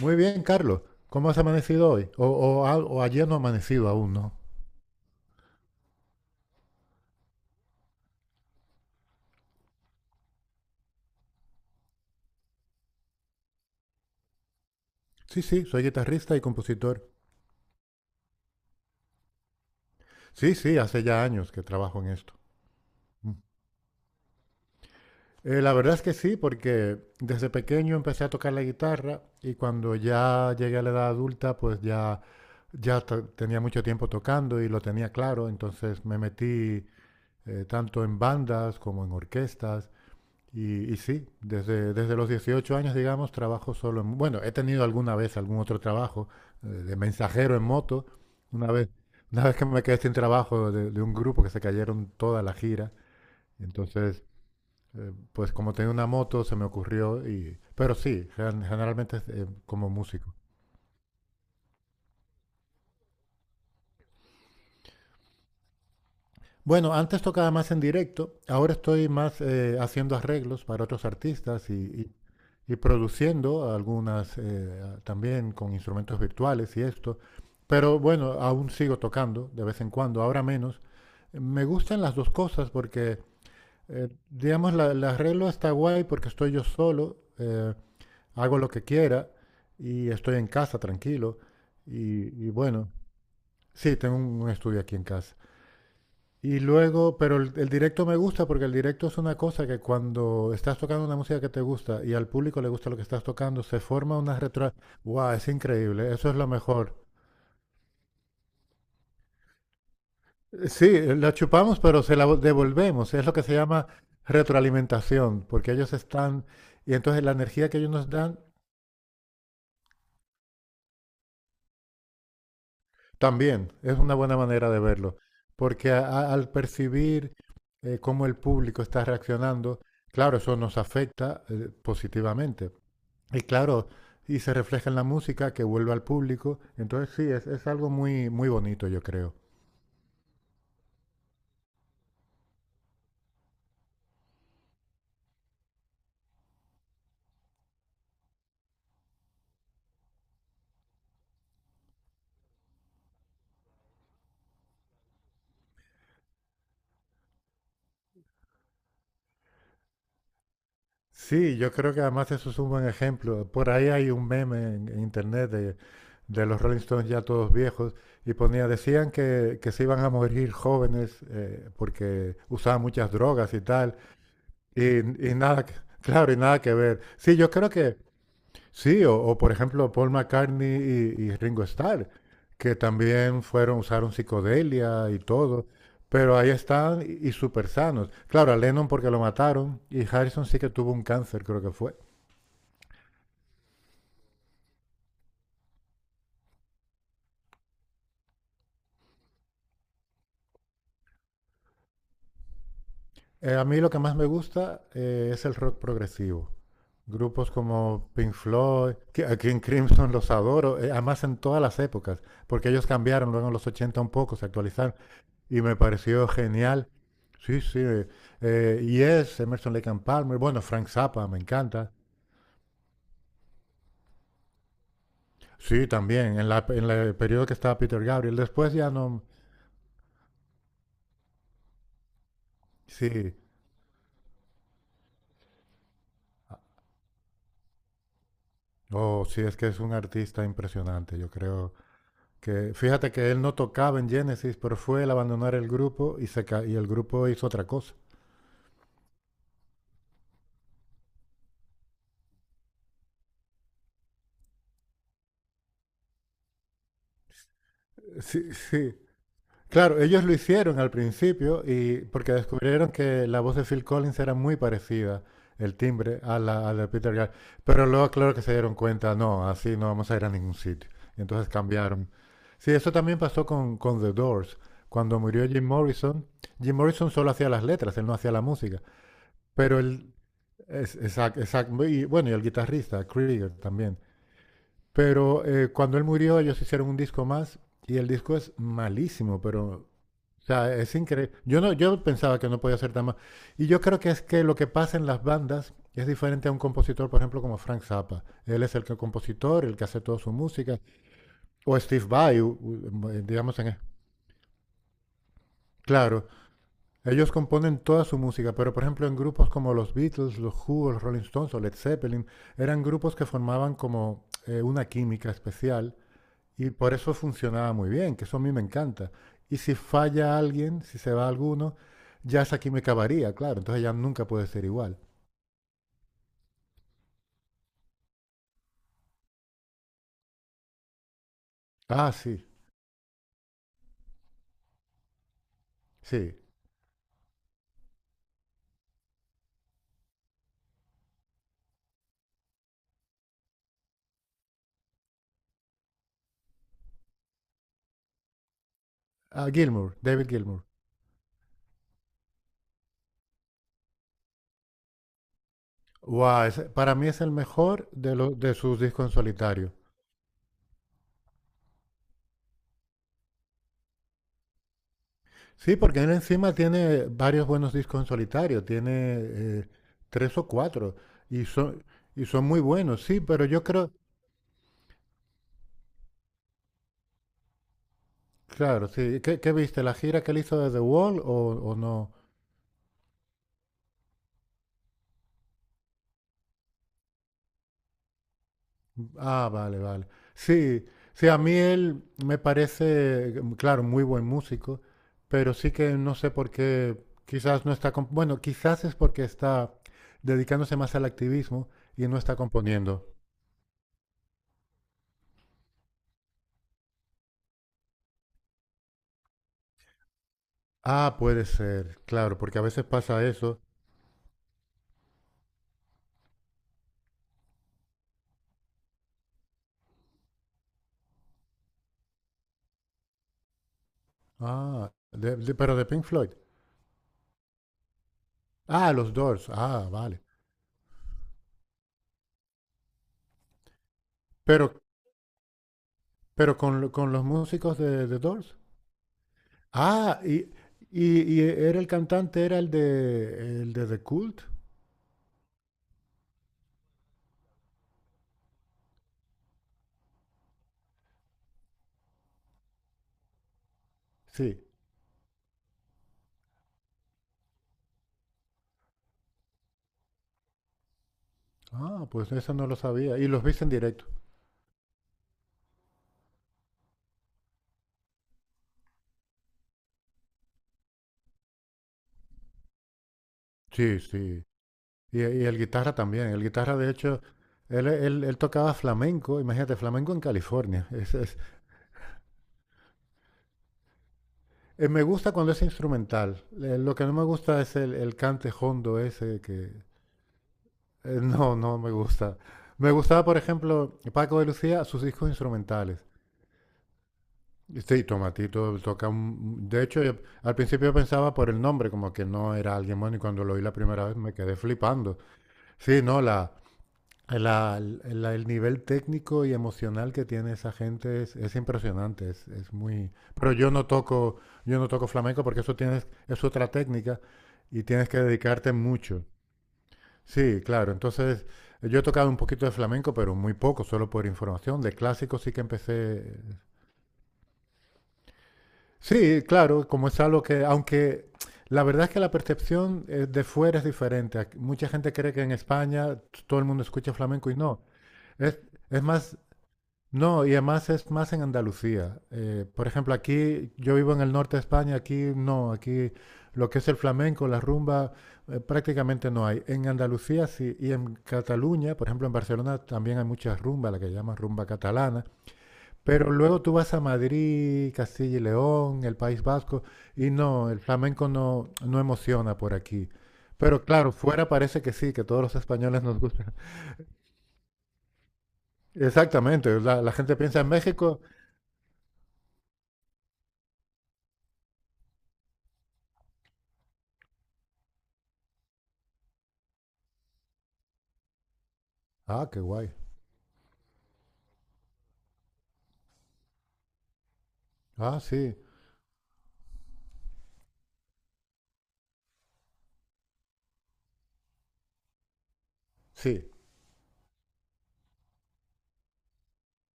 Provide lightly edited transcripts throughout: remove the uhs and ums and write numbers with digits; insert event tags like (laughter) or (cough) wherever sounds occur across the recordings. Muy bien, Carlos. ¿Cómo has amanecido hoy? O, o ayer no ha amanecido aún, ¿no? Sí, sí, soy guitarrista y compositor. Sí, sí, hace ya años que trabajo en esto. Mm. La verdad es que sí, porque desde pequeño empecé a tocar la guitarra y cuando ya llegué a la edad adulta, pues ya, tenía mucho tiempo tocando y lo tenía claro, entonces me metí tanto en bandas como en orquestas. Y sí, desde los 18 años, digamos, trabajo solo en... Bueno, he tenido alguna vez algún otro trabajo de mensajero en moto. Una vez, una vez que me quedé sin trabajo de un grupo que se cayeron toda la gira. Entonces, pues como tenía una moto, se me ocurrió y... Pero sí, generalmente es, como músico. Bueno, antes tocaba más en directo, ahora estoy más haciendo arreglos para otros artistas y produciendo algunas también con instrumentos virtuales y esto, pero bueno, aún sigo tocando de vez en cuando, ahora menos. Me gustan las dos cosas porque, digamos, la, el arreglo está guay porque estoy yo solo, hago lo que quiera y estoy en casa tranquilo y bueno, sí, tengo un estudio aquí en casa. Y luego, pero el directo me gusta porque el directo es una cosa que cuando estás tocando una música que te gusta y al público le gusta lo que estás tocando, se forma una retro... ¡Wow! Es increíble, eso es lo mejor. Sí, la chupamos, pero devolvemos. Es lo que se llama retroalimentación, porque ellos están... Y entonces la energía que ellos nos dan también es una buena manera de verlo, porque al percibir cómo el público está reaccionando, claro, eso nos afecta positivamente. Y claro, y se refleja en la música que vuelve al público. Entonces sí, es algo muy, muy bonito, yo creo. Sí, yo creo que además eso es un buen ejemplo. Por ahí hay un meme en internet de los Rolling Stones ya todos viejos y ponía, decían que se iban a morir jóvenes porque usaban muchas drogas y tal. Y nada, claro, y nada que ver. Sí, yo creo que sí, por ejemplo Paul McCartney y Ringo Starr, que también fueron, usaron psicodelia y todo, pero ahí están y súper sanos. Claro, a Lennon porque lo mataron y Harrison sí que tuvo un cáncer, creo que fue. A mí lo que más me gusta es el rock progresivo. Grupos como Pink Floyd, que aquí en Crimson los adoro, además en todas las épocas, porque ellos cambiaron luego en los 80 un poco, se actualizaron, y me pareció genial. Sí, sí, Yes, Emerson Lake and Palmer, bueno, Frank Zappa, me encanta. Sí, también, en la- el periodo que estaba Peter Gabriel, después ya no, sí, oh, sí, es que es un artista impresionante, yo creo que, fíjate que él no tocaba en Genesis, pero fue el abandonar el grupo y, y el grupo hizo otra cosa. Sí, sí. Claro, ellos lo hicieron al principio y porque descubrieron que la voz de Phil Collins era muy parecida, el timbre, a la de Peter Gabriel. Pero luego, claro que se dieron cuenta, no, así no vamos a ir a ningún sitio. Y entonces cambiaron. Sí, eso también pasó con The Doors. Cuando murió Jim Morrison, Jim Morrison solo hacía las letras, él no hacía la música. Pero él, es, y bueno, y el guitarrista, Krieger también. Pero cuando él murió, ellos hicieron un disco más y el disco es malísimo, pero o sea, es increíble. Yo no, yo pensaba que no podía ser tan mal. Y yo creo que es que lo que pasa en las bandas es diferente a un compositor, por ejemplo, como Frank Zappa. Él es el que compositor, el que hace toda su música. O Steve Vai, digamos en... es- Claro, ellos componen toda su música, pero por ejemplo en grupos como los Beatles, los Who, los Rolling Stones o Led Zeppelin, eran grupos que formaban como una química especial. Y por eso funcionaba muy bien, que eso a mí me encanta. Y si falla alguien, si se va alguno, ya esa química varía, claro. Entonces ya nunca puede ser igual. Ah, sí, sí. Ah, Gilmour, David Gilmour. Wow, ese- para mí es el mejor de, lo- de sus discos en solitario. Sí, porque él encima tiene varios buenos discos en solitario. Tiene eh, tres o cuatro. Y son, y son muy buenos, sí, pero yo creo... Claro, sí. ¿Qué, qué viste? ¿La gira que él hizo de The Wall o no? Ah, vale, vale. Sí, sí, a mí él me parece, mm, claro, muy buen músico, pero sí que no sé por qué, quizás no está, bueno, quizás es porque está dedicándose más al activismo y no está componiendo. Ah, puede ser, claro, porque a veces pasa eso. Ah, pero de Pink Floyd. Ah, los Doors. Ah, vale. Pero, pero con, lo- con los músicos de Doors. Ah, y era el cantante, era el de The Cult. Sí. Ah, pues eso no lo sabía. Y los viste en directo. Sí, sí. Y el guitarra también. El guitarra, de hecho, él, él tocaba flamenco. Imagínate, flamenco en California. Es- me gusta cuando es instrumental. Lo que no me gusta es el cante hondo ese que... no, no me gusta. Me gustaba, por ejemplo, Paco de Lucía, sus discos instrumentales. Sí, Tomatito toca un... De hecho, yo- al principio pensaba por el nombre, como que no era alguien bueno, y cuando lo oí la primera vez me quedé flipando. Sí, no, la, el nivel técnico y emocional que tiene esa gente es impresionante, es muy... Pero yo no toco flamenco porque eso tienes, es otra técnica y tienes que dedicarte mucho. Sí, claro. Entonces, yo he tocado un poquito de flamenco, pero muy poco, solo por información. De clásico sí que empecé. Sí, claro, como es algo que, aunque la verdad es que la percepción de fuera es diferente. Mucha gente cree que en España todo el mundo escucha flamenco y no. Es, es más no, y además es más en Andalucía. Por ejemplo, aquí yo vivo en el norte de España, aquí no, aquí lo que es el flamenco, la rumba, prácticamente no hay. En Andalucía sí, y en Cataluña, por ejemplo, en Barcelona también hay muchas rumbas, la que llaman rumba catalana. Pero luego tú vas a Madrid, Castilla y León, el País Vasco, y no, el flamenco no, no emociona por aquí. Pero claro, fuera parece que sí, que todos los españoles nos gustan. (laughs) Exactamente, la gente piensa en México, ah, qué guay. Ah, sí, sí.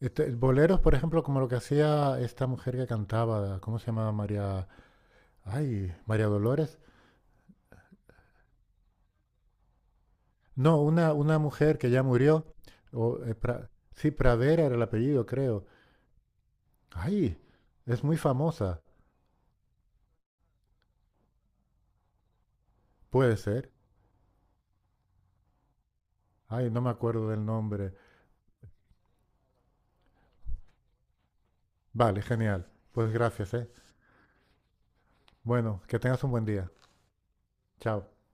Este, boleros, por ejemplo, como lo que hacía esta mujer que cantaba, ¿cómo se llamaba María? Ay, María Dolores. No, una mujer que ya murió. o, eh, Pra- sí, Pradera era el apellido, creo. Ay, es muy famosa. Puede ser. Ay, no me acuerdo del nombre. Vale, genial. Pues gracias, ¿eh? Bueno, que tengas un buen día. Chao.